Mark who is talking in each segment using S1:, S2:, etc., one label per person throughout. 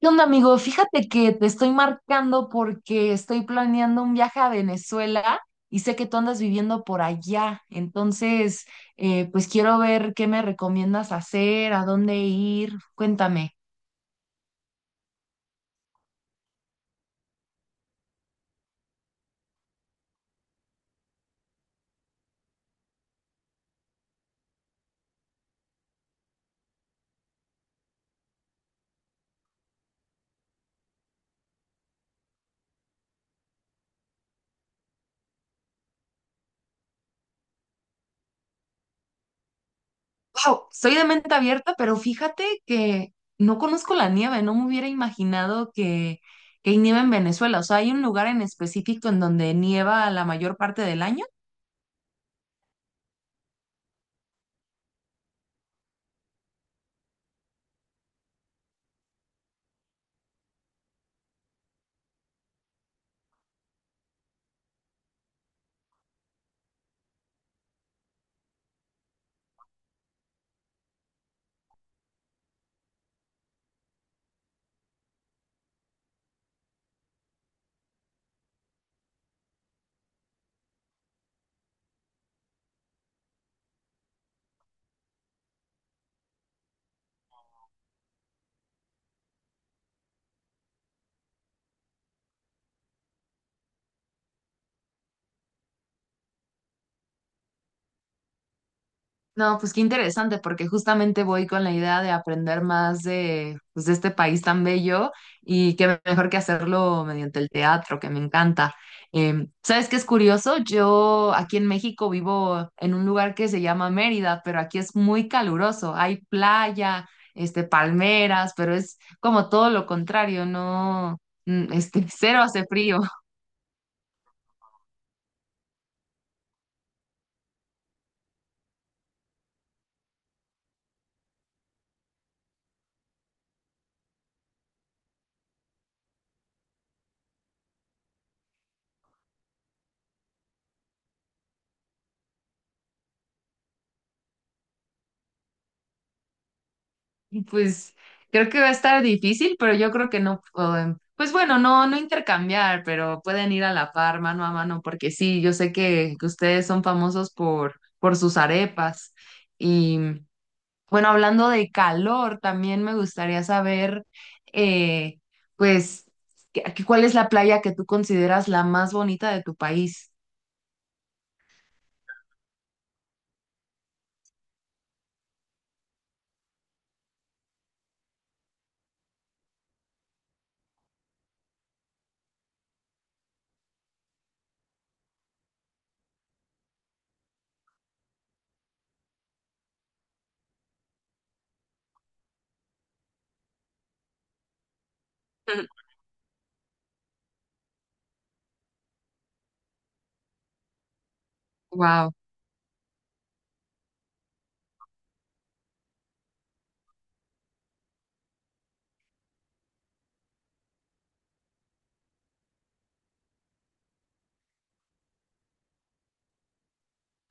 S1: ¿Qué onda, amigo? Fíjate que te estoy marcando porque estoy planeando un viaje a Venezuela y sé que tú andas viviendo por allá. Entonces, pues quiero ver qué me recomiendas hacer, a dónde ir. Cuéntame. Wow, soy de mente abierta, pero fíjate que no conozco la nieve. No me hubiera imaginado que hay nieve en Venezuela. O sea, ¿hay un lugar en específico en donde nieva la mayor parte del año? No, pues qué interesante, porque justamente voy con la idea de aprender más de, pues, de este país tan bello y qué mejor que hacerlo mediante el teatro, que me encanta. ¿Sabes qué es curioso? Yo aquí en México vivo en un lugar que se llama Mérida, pero aquí es muy caluroso. Hay playa, este, palmeras, pero es como todo lo contrario, no, este, cero hace frío. Pues creo que va a estar difícil, pero yo creo que no, pues bueno, no, no intercambiar, pero pueden ir a la par, mano a mano, porque sí, yo sé que ustedes son famosos por sus arepas. Y bueno, hablando de calor, también me gustaría saber, eh, pues, ¿qué- qué- ¿cuál es la playa que tú consideras la más bonita de tu país? Wow.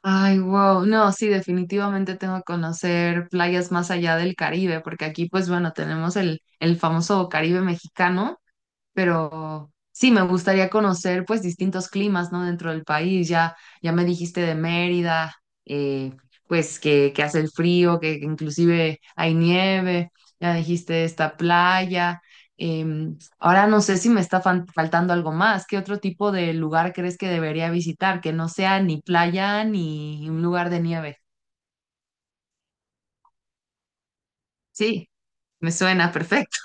S1: Ay, wow. No, sí, definitivamente tengo que conocer playas más allá del Caribe, porque aquí, pues bueno, tenemos el famoso Caribe mexicano, pero sí, me gustaría conocer pues distintos climas, ¿no? Dentro del país, ya, ya me dijiste de Mérida, eh, pues que hace el frío, que inclusive hay nieve, ya dijiste de esta playa. Em, ahora no sé si me está fan- faltando algo más. ¿Qué otro tipo de lugar crees que debería visitar? Que no sea ni playa ni un lugar de nieve. Sí, me suena perfecto.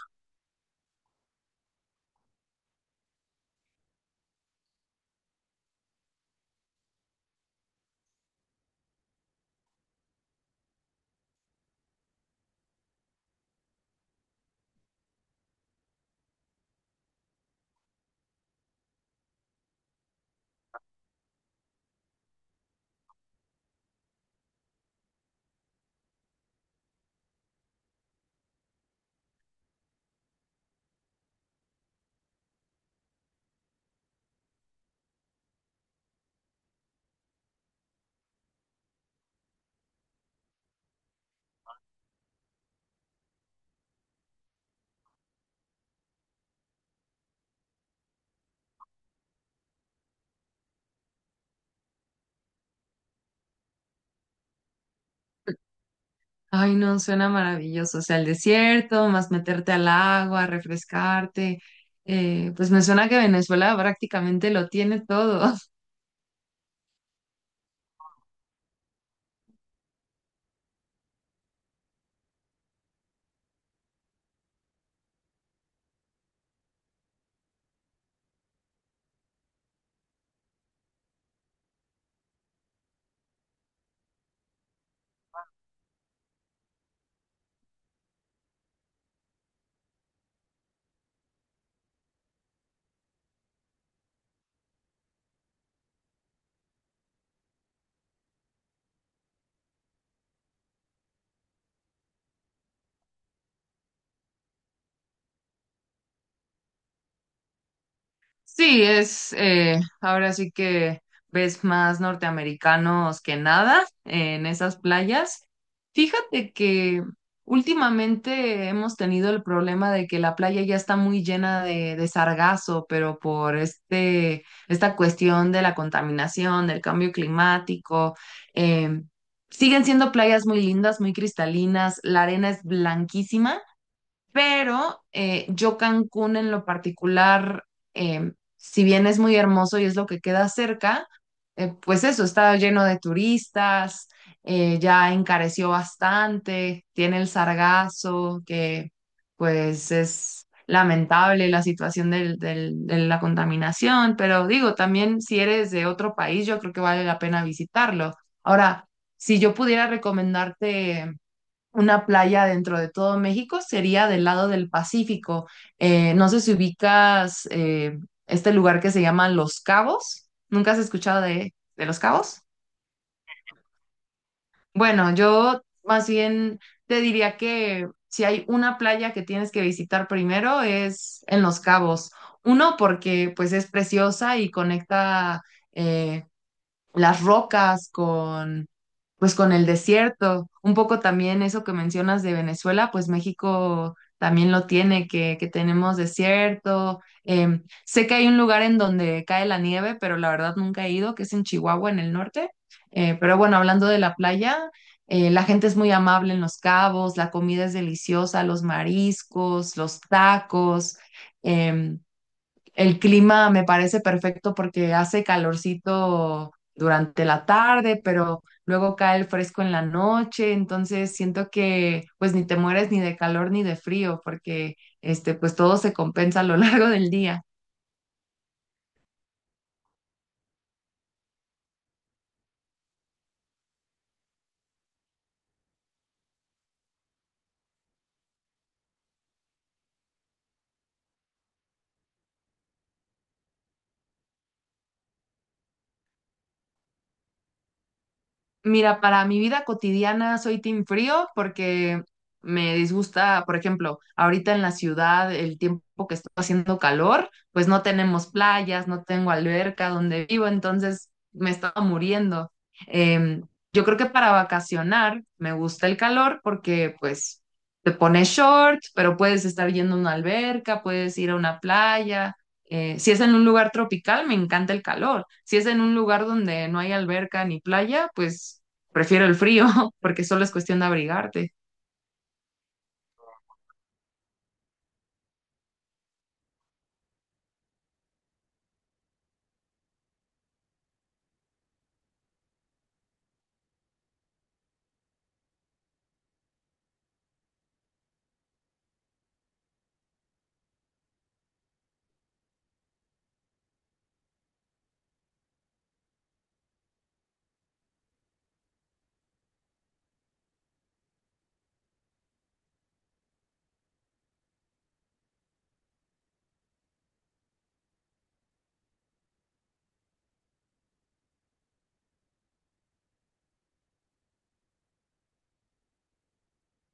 S1: Ay, no, suena maravilloso. O sea, el desierto, más meterte al agua, refrescarte. Pues me suena que Venezuela prácticamente lo tiene todo. Sí, es ahora sí que ves más norteamericanos que nada en esas playas. Fíjate que últimamente hemos tenido el problema de que la playa ya está muy llena de sargazo, pero por este, esta cuestión de la contaminación, del cambio climático, em, siguen siendo playas muy lindas, muy cristalinas, la arena es blanquísima pero yo Cancún en lo particular, si bien es muy hermoso y es lo que queda cerca, pues eso, está lleno de turistas, ya encareció bastante, tiene el sargazo, que pues es lamentable la situación del- del- de la contaminación, pero digo, también si eres de otro país, yo creo que vale la pena visitarlo. Ahora, si yo pudiera recomendarte una playa dentro de todo México sería del lado del Pacífico. No sé si ubicas este lugar que se llama Los Cabos. ¿Nunca has escuchado de Los Cabos? Bueno, yo más bien te diría que si hay una playa que tienes que visitar primero es en Los Cabos. Uno, porque pues es preciosa y conecta eh, las rocas pues con el desierto. Un poco también eso que mencionas de Venezuela, pues México también lo tiene, que tenemos desierto. Em, sé que hay un lugar en donde cae la nieve, pero la verdad nunca he ido, que es en Chihuahua, en el norte. Pero bueno, hablando de la playa, la gente es muy amable en Los Cabos, la comida es deliciosa, los mariscos, los tacos. Em, el clima me parece perfecto porque hace calorcito durante la tarde, pero luego cae el fresco en la noche, entonces siento que pues ni te mueres ni de calor ni de frío porque este pues todo se compensa a lo largo del día. Mira, para mi vida cotidiana soy team frío porque me disgusta, por ejemplo, ahorita en la ciudad, el tiempo que está haciendo calor, pues no tenemos playas, no tengo alberca donde vivo, entonces me estaba muriendo. Em, yo creo que para vacacionar me gusta el calor porque pues te pones shorts, pero puedes estar yendo a una alberca, puedes ir a una playa. Si es en un lugar tropical, me encanta el calor. Si es en un lugar donde no hay alberca ni playa, pues prefiero el frío, porque solo es cuestión de abrigarte.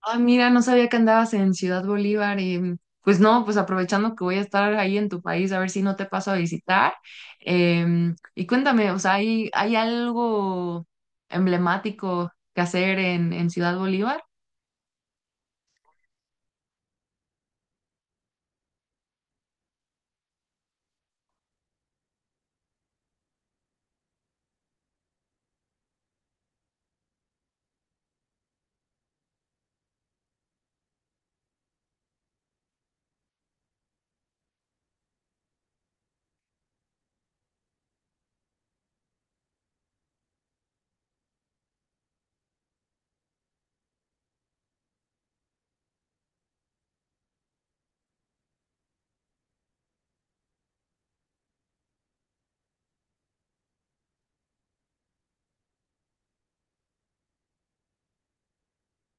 S1: Ah, mira, no sabía que andabas en Ciudad Bolívar y pues no, pues aprovechando que voy a estar ahí en tu país, a ver si no te paso a visitar. Em, y cuéntame, o sea, ¿hay, hay algo emblemático que hacer en Ciudad Bolívar?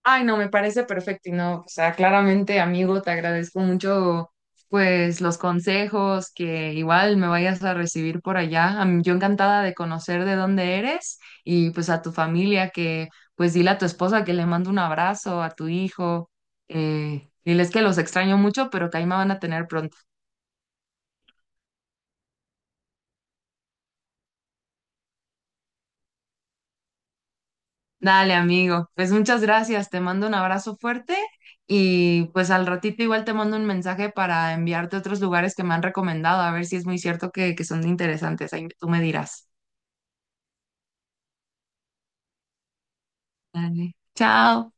S1: Ay, no, me parece perfecto y no, o sea, claramente, amigo, te agradezco mucho, pues, los consejos que igual me vayas a recibir por allá. A mí- yo encantada de conocer de dónde eres y pues a tu familia que, pues, dile a tu esposa que le mando un abrazo, a tu hijo, diles que los extraño mucho, pero que ahí me van a tener pronto. Dale, amigo. Pues muchas gracias. Te mando un abrazo fuerte y pues al ratito igual te mando un mensaje para enviarte otros lugares que me han recomendado, a ver si es muy cierto que son interesantes. Ahí tú me dirás. Dale. Chao.